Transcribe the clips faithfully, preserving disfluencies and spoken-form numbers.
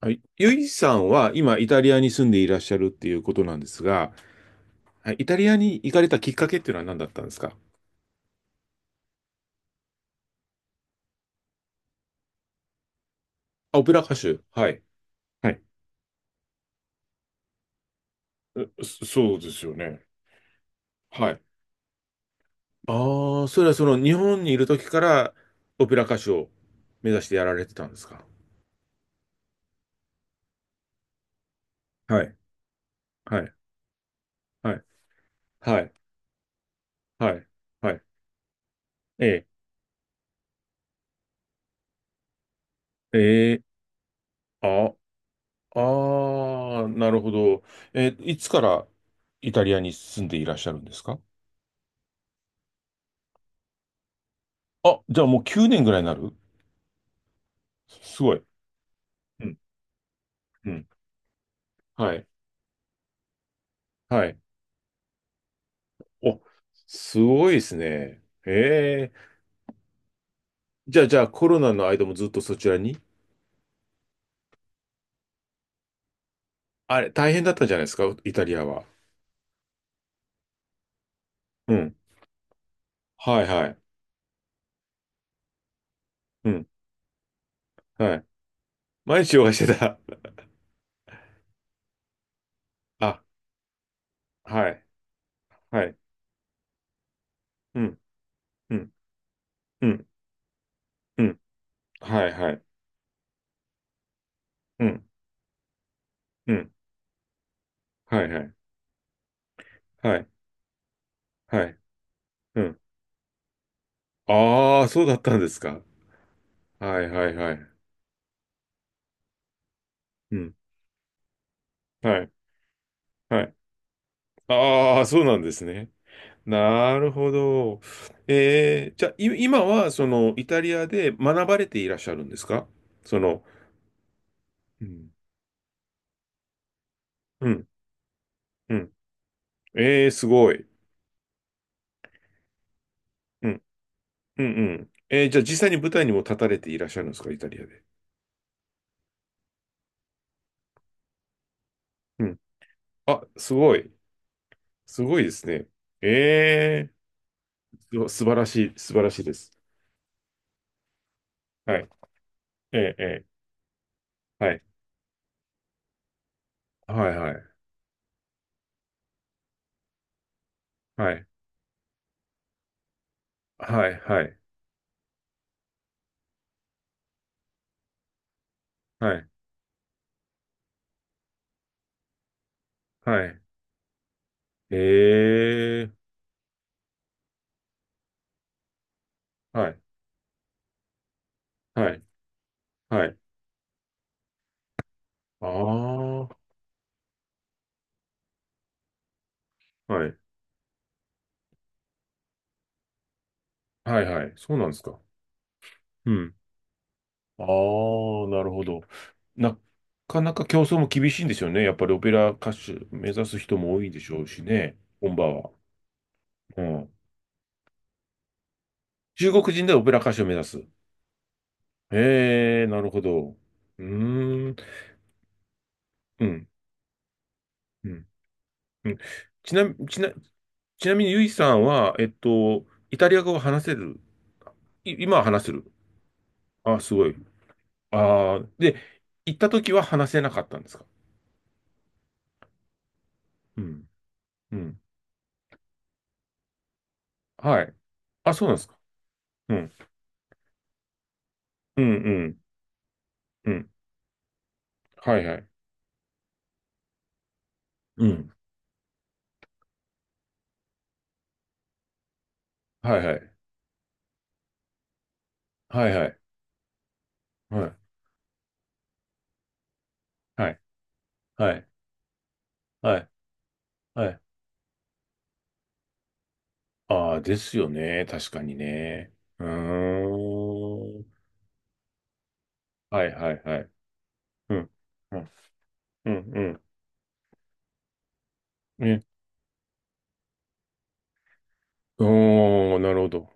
はい。ゆいさんは今イタリアに住んでいらっしゃるっていうことなんですが、はい、イタリアに行かれたきっかけっていうのは何だったんですか？あ、オペラ歌手。はい。はい。そそうですよね。はい。ああ、それはその日本にいる時からオペラ歌手を目指してやられてたんですか？はい。はい。はい。はい。はい。はい。ええ。ええ。あ、ああ、なるほど。え、いつからイタリアに住んでいらっしゃるんですか？あ、じゃあもうきゅうねんぐらいになる。すごい。うん、うん。はい。はい。お、すごいですね。へえ。じゃあ、じゃあ、コロナの間もずっとそちらに。あれ、大変だったんじゃないですか、イタリアは。うん。はい、はい。うん。はい。毎日ヨガしてた。あ、はい、はい。うん、うん、うん、うん。はい、はい。うん、うん。はい、はい。はい、はい。うん。ああ、そうだったんですか。はい、はい、はい。うん。はい、はい。ああ、そうなんですね。なるほど。えー、じゃあ、い今は、その、イタリアで学ばれていらっしゃるんですか？その、うん。うん、うん。えー、すごい。うん、うん、うん。えー、じゃあ、実際に舞台にも立たれていらっしゃるんですか、イタリアで。うん。あ、すごい。すごいですね。えー、す素晴らしい、素晴らしいです。はい。えー、えー、はい。はい、はい、はい、はい、はい、はい、はい。えー、はい、はい、はい。ああ、はい。はいはい。そうなんですか。うん。ああ、なるほど。なかなか競争も厳しいんでしょうね。やっぱりオペラ歌手目指す人も多いでしょうしね。本場は。うん。中国人でオペラ歌手を目指す。へえ、なるほど。うーん。うん。うん。うん。ちな、ちな、ちなみにゆいさんは、えっと、イタリア語を話せる。い、今は話せる。あ、すごい。ああ、で、行った時は話せなかったんですか？うん。うん。はい。あ、そうなんですか。うん。うん、うん、うん。はいはい。うん。はいはい。はいはい。はい。はい。はい。はい。はい。ああ、ですよね。確かにね。うーん。はいはいはい。うん。うん。うん。うん。ね。おー、なるほど。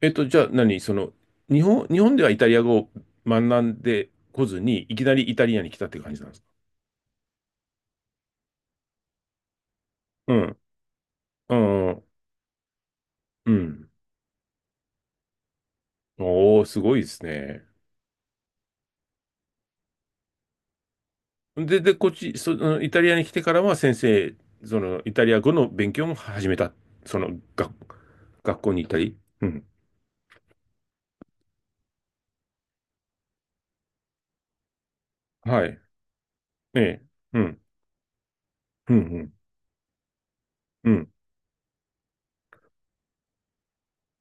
えっと、じゃあ何その、日本、日本ではイタリア語を学んでこずに、いきなりイタリアに来たって感じなんですか？うん。うん。うん。おー、すごいですね。で、で、こっち、そ、のイタリアに来てからは先生、その、イタリア語の勉強も始めた。その、学学校に行ったり。うん。はい。ええ。うん。うん、うん、うん、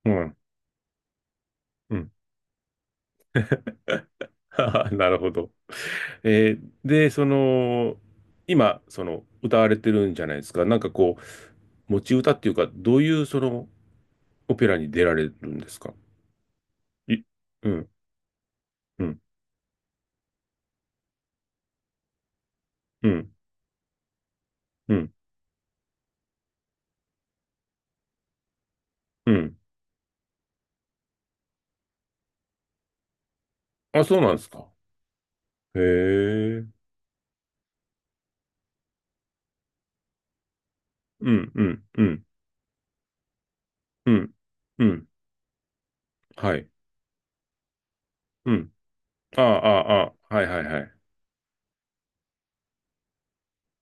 うん。うん。ははなるほど。えーで、その、今、その、歌われてるんじゃないですか。なんかこう、持ち歌っていうか、どういう、その、オペラに出られるんですか？い、うん、うん、うん、うん、うん。あ、そうなんですか。へえ。うん、うん、うん。うん。うん。はい。うん。ああ、ああ、ああはいはいはい。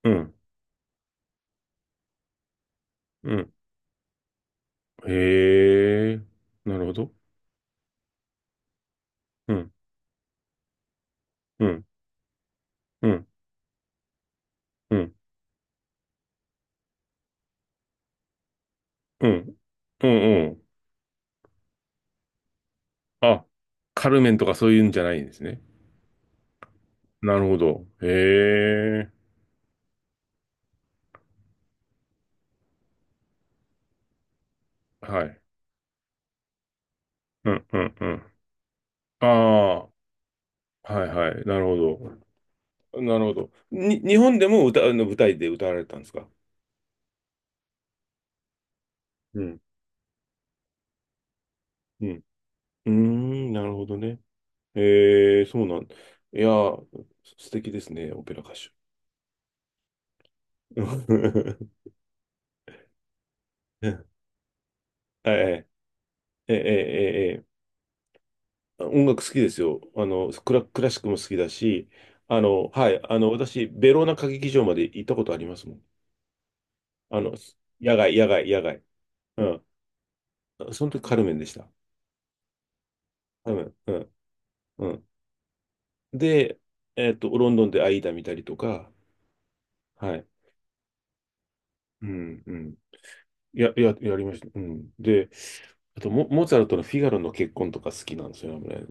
うん。うん。へえ。なるほど。うん。うん。うん。うん。うん。うん。うん。あ、カルメンとかそういうんじゃないんですね。なるほど。へえ。はい。うん。うん。うん。ああ、はいはい。なるほど。なるほど。に、日本でも歌、あの舞台で歌われたんですか？うん。うん。うーん、なるほどね。ええ、そうなん。いやー、素敵ですね、オペラ歌手。はい、ええ、ええ、ええ。音楽好きですよ。あの、クラ、クラシックも好きだし、あの、はい、あの、私、ベローナ歌劇場まで行ったことありますもん。あの、野外、野外、野外。うん。その時、カルメンでした。カルメン、うん、うん。で、えっと、ロンドンでアイーダ見たりとか、はい。うん、うん。や、や、やりました。うん。で、あとモ、モーツァルトのフィガロの結婚とか好きなんですよね。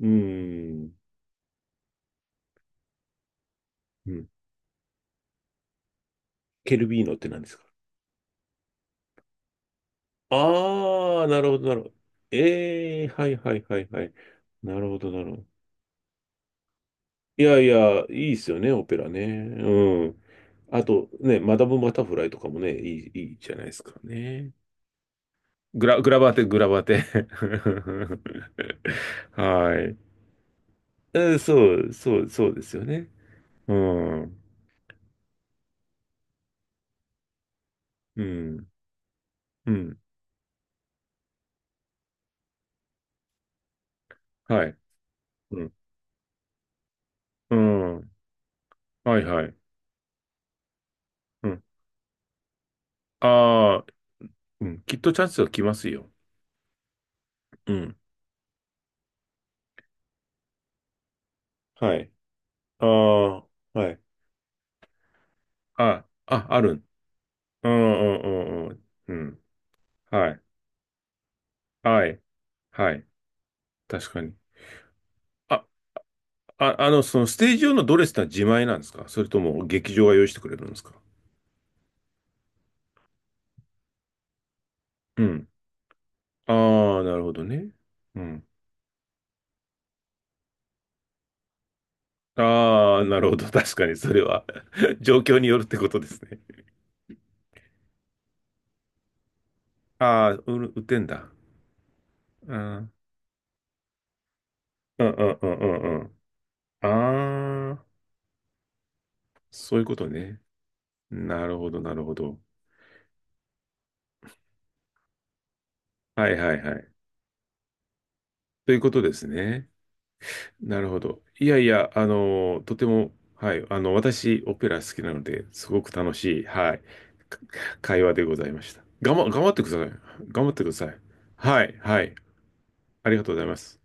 うん。うん。ケルビーノって何ですか？ああー、なるほど、なるほど。ええはいはいはいはい。なるほど、なるほど。いやいや、いいですよね、オペラね。うん。あとね、マダム・バタフライとかもね、いい、いいじゃないですかね。グラ、グラバーテ、グラバーテ。はい。えー、そう、そう、そうですよね。うん。うん。うん。はい。うん。うん。はいはい。うん。ああ、うん。きっとチャンスは来ますよ。うん。はい。ああ、はい。あ、あ、ある。うんうんうんうん。うん。はい。はい。はい。確かに。あ、あ、あの、そのステージ用のドレスってのは自前なんですか、それとも劇場が用意してくれるんですか？うん。ああ、なるほどね。うん。ああ、なるほど。確かに、それは 状況によるってことですね。ああ、売る売ってんだ。うん。うんうんうんうん、ああ、そういうことね。なるほど、なるほど。はいはいはい。ということですね。なるほど。いやいや、あの、とても、はい、あの、私、オペラ好きなので、すごく楽しい、はい、か会話でございました。頑張、頑張ってください。頑張ってください。はい、はい。ありがとうございます。